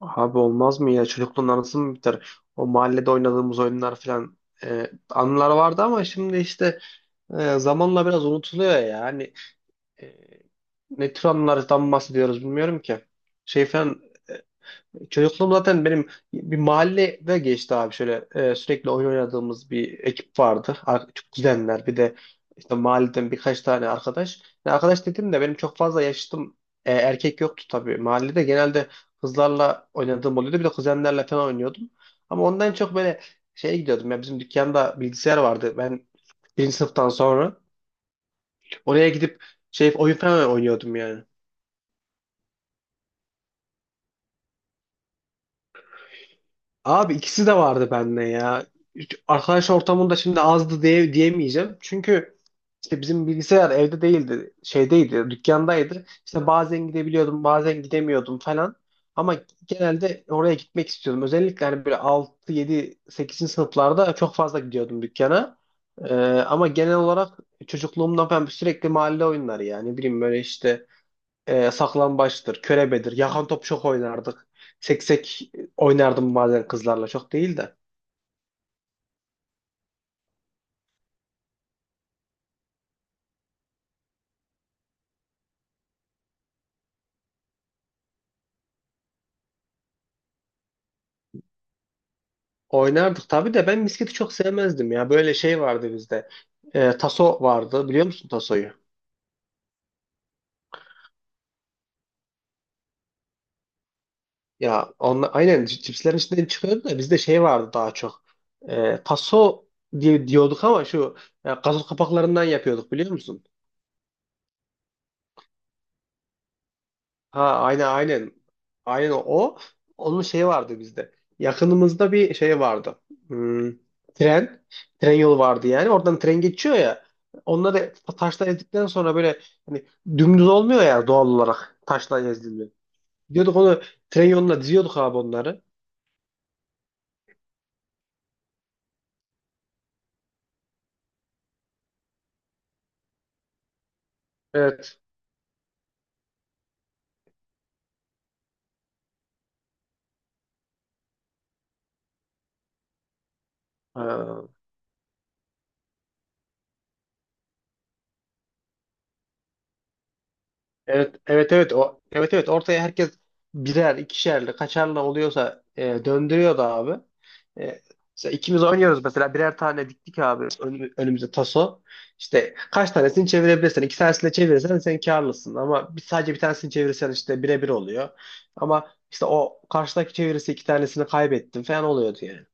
Abi olmaz mı ya? Çocukluğun anısı mı biter? O mahallede oynadığımız oyunlar falan anılar vardı ama şimdi işte zamanla biraz unutuluyor ya. Hani e, ne tür anılardan bahsediyoruz bilmiyorum ki. Şey falan. Çocukluğum zaten benim bir mahallede geçti abi şöyle sürekli oyun oynadığımız bir ekip vardı. Çok kuzenler bir de işte mahalleden birkaç tane arkadaş. Yani arkadaş dedim de benim çok fazla yaşıtım erkek yoktu tabii. Mahallede genelde kızlarla oynadığım oluyordu, bir de kuzenlerle falan oynuyordum. Ama ondan çok böyle şeye gidiyordum ya, bizim dükkanda bilgisayar vardı ben birinci sınıftan sonra. Oraya gidip şey oyun falan oynuyordum yani. Abi ikisi de vardı bende ya. Hiç arkadaş ortamında şimdi azdı diye, diyemeyeceğim. Çünkü işte bizim bilgisayar evde değildi, şeydeydi, dükkandaydı. İşte bazen gidebiliyordum, bazen gidemiyordum falan. Ama genelde oraya gitmek istiyordum. Özellikle hani böyle 6 7 8. sınıflarda çok fazla gidiyordum dükkana. Ama genel olarak çocukluğumdan ben sürekli mahalle oyunları yani. Ne bileyim böyle işte saklambaçtır, körebedir, yakan top çok oynardık. Seksek oynardım bazen kızlarla, çok değil de. Oynardık tabii de ben misketi çok sevmezdim ya. Böyle şey vardı bizde. Taso vardı, biliyor musun tasoyu? Ya onla, aynen cipslerin içinden çıkıyordu da bizde şey vardı daha çok. Taso diye diyorduk ama şu gazoz kapaklarından yapıyorduk, biliyor musun? Ha, aynen aynen. Aynen o. Onun şeyi vardı bizde. Yakınımızda bir şey vardı. Hmm, tren. Tren yolu vardı yani. Oradan tren geçiyor ya. Onları taşla ezdikten sonra böyle hani dümdüz olmuyor ya, doğal olarak taşla ezilmiyor, diyorduk onu. Tren yoluna diziyorduk abi onları. Evet. Ha. Evet evet evet, o evet evet, ortaya herkes birer, ikişerli, kaçarlı oluyorsa döndürüyordu abi. E, mesela ikimiz oynuyoruz, mesela birer tane diktik abi önümüze taso. İşte kaç tanesini çevirebilirsen, iki tanesini de çevirirsen sen karlısın, ama bir, sadece bir tanesini çevirirsen işte birebir oluyor. Ama işte o karşıdaki çevirirse iki tanesini kaybettin falan oluyordu yani.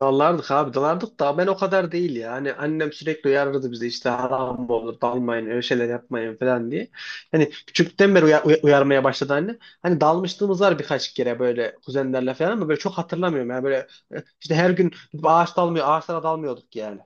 Dalardık abi, dalardık da ben o kadar değil ya. Hani annem sürekli uyarırdı bizi, işte haram olur dalmayın, öyle şeyler yapmayın falan diye. Hani küçüklükten beri uyarmaya başladı anne. Hani dalmışlığımız var birkaç kere böyle kuzenlerle falan, ama böyle çok hatırlamıyorum. Yani böyle işte her gün ağaç dalmıyor, ağaçlara dalmıyorduk yani.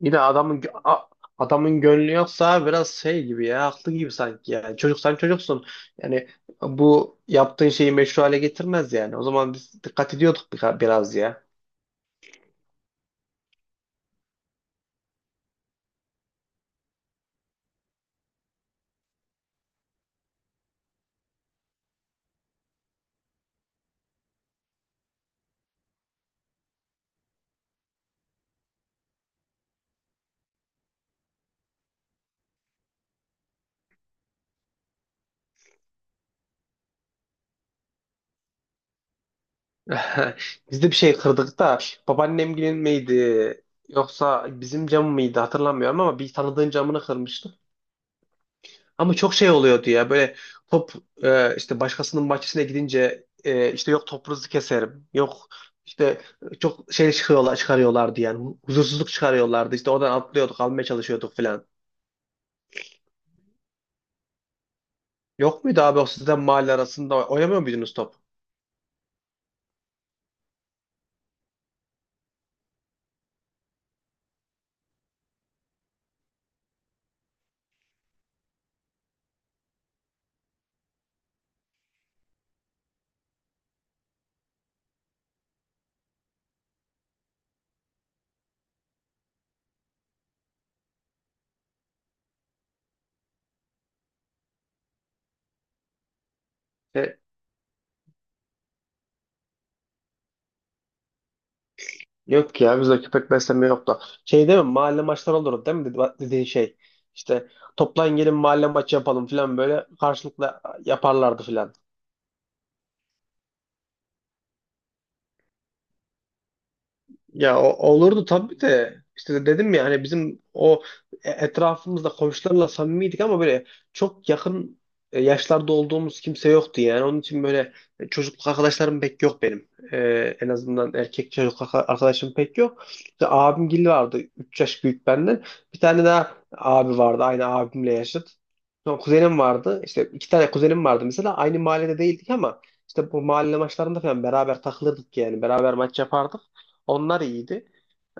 Yine adamın gönlü yoksa biraz şey gibi ya, haklı gibi sanki yani. Çocuk, sen çocuksun. Yani bu yaptığın şeyi meşru hale getirmez yani. O zaman biz dikkat ediyorduk biraz ya. Biz de bir şey kırdık da, babaannemgilin miydi yoksa bizim cam mıydı hatırlamıyorum, ama bir tanıdığın camını kırmıştık. Ama çok şey oluyordu ya, böyle top işte başkasının bahçesine gidince işte yok topunuzu keserim, yok işte, çok şey çıkıyorlar, çıkarıyorlardı yani, huzursuzluk çıkarıyorlardı işte, oradan atlıyorduk almaya çalışıyorduk falan. Yok muydu abi o sizden, mahalle arasında oynamıyor muydunuz top? E, Yok ya, bizde köpek besleme yoktu. Şey değil mi? Mahalle maçları olurdu değil mi? Dediği şey. İşte toplan gelin mahalle maçı yapalım falan, böyle karşılıklı yaparlardı falan. Ya olurdu tabii de, işte dedim ya, hani bizim o etrafımızda komşularla samimiydik ama böyle çok yakın yaşlarda olduğumuz kimse yoktu yani. Onun için böyle çocukluk arkadaşlarım pek yok benim. En azından erkek çocukluk arkadaşım pek yok. İşte abimgil vardı, 3 yaş büyük benden. Bir tane daha abi vardı, aynı abimle yaşıt. Sonra kuzenim vardı. İşte iki tane kuzenim vardı mesela. Aynı mahallede değildik ama işte bu mahalle maçlarında falan beraber takılırdık yani. Beraber maç yapardık. Onlar iyiydi.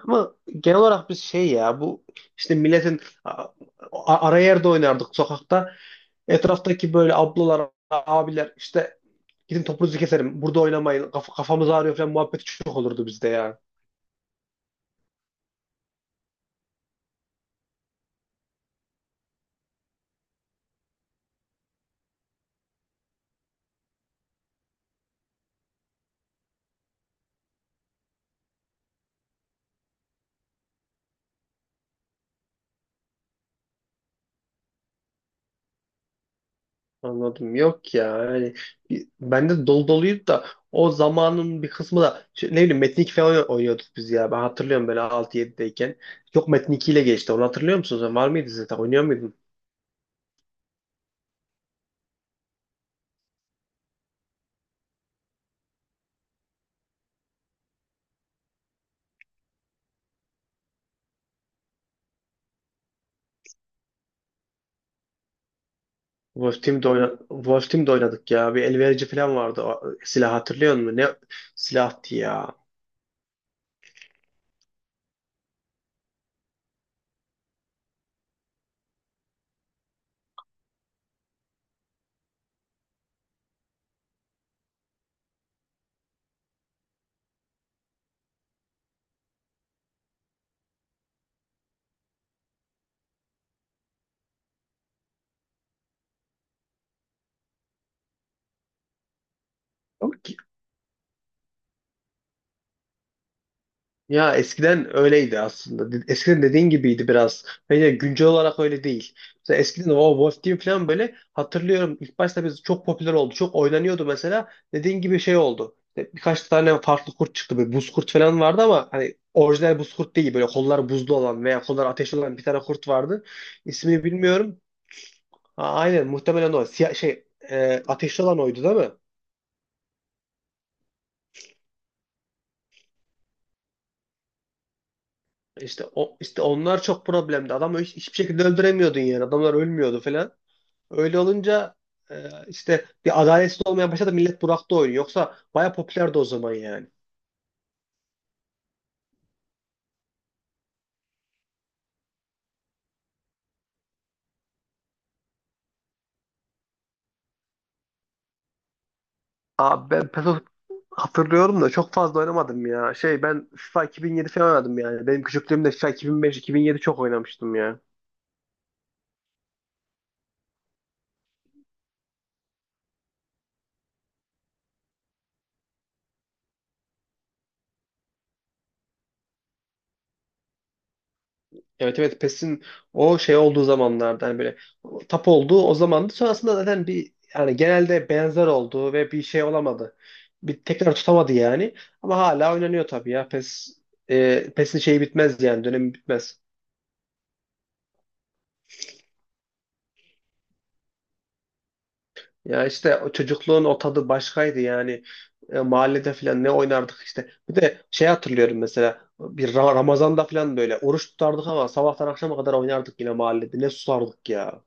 Ama genel olarak biz şey ya, bu işte milletin ara yerde oynardık sokakta. Etraftaki böyle ablalar, abiler işte gidin topunuzu keserim, burada oynamayın. Kafamız ağrıyor falan muhabbeti çok olurdu bizde ya. Anladım. Yok ya. Yani bende dolu doluydu da o zamanın bir kısmı da şey, ne bileyim Metin 2 falan oynuyorduk biz ya. Ben hatırlıyorum böyle altı 7'deyken. Yok, Metin 2 ile geçti. Onu hatırlıyor musunuz? Var mıydı zaten? Oynuyor muydunuz? Wolf Team'de oynadık ya. Bir elverici falan vardı. O silah, hatırlıyor musun? Ne silahtı ya. Yok ki. Ya eskiden öyleydi aslında. Eskiden dediğin gibiydi biraz. Bence güncel olarak öyle değil. Mesela eskiden o Wolf Team falan böyle hatırlıyorum. İlk başta biz çok popüler oldu. Çok oynanıyordu mesela. Dediğin gibi şey oldu. İşte birkaç tane farklı kurt çıktı. Böyle buz kurt falan vardı ama hani orijinal buz kurt değil. Böyle kollar buzlu olan veya kollar ateşli olan bir tane kurt vardı. İsmini bilmiyorum. Aynen, muhtemelen o. Siyah, şey ateşli olan oydu değil mi? İşte o, işte onlar çok problemdi. Adamı hiçbir şekilde öldüremiyordun yani. Adamlar ölmüyordu falan. Öyle olunca işte bir adaletsiz olmaya başladı. Millet bıraktı oyunu. Yoksa baya popülerdi o zaman yani. Abi ben PES hatırlıyorum da çok fazla oynamadım ya. Şey, ben FIFA 2007 falan oynadım yani. Benim küçüklüğümde FIFA 2005-2007 çok oynamıştım ya. Evet evet, PES'in o şey olduğu zamanlarda hani böyle tap olduğu o zamandı. Sonrasında zaten bir, yani genelde benzer oldu ve bir şey olamadı. Bir tekrar tutamadı yani. Ama hala oynanıyor tabii ya. PES PES'in şeyi bitmez yani, dönemi bitmez. Ya işte o çocukluğun o tadı başkaydı yani. Mahallede falan ne oynardık işte. Bir de şey hatırlıyorum, mesela bir Ramazan'da falan böyle oruç tutardık ama sabahtan akşama kadar oynardık yine mahallede. Ne susardık ya.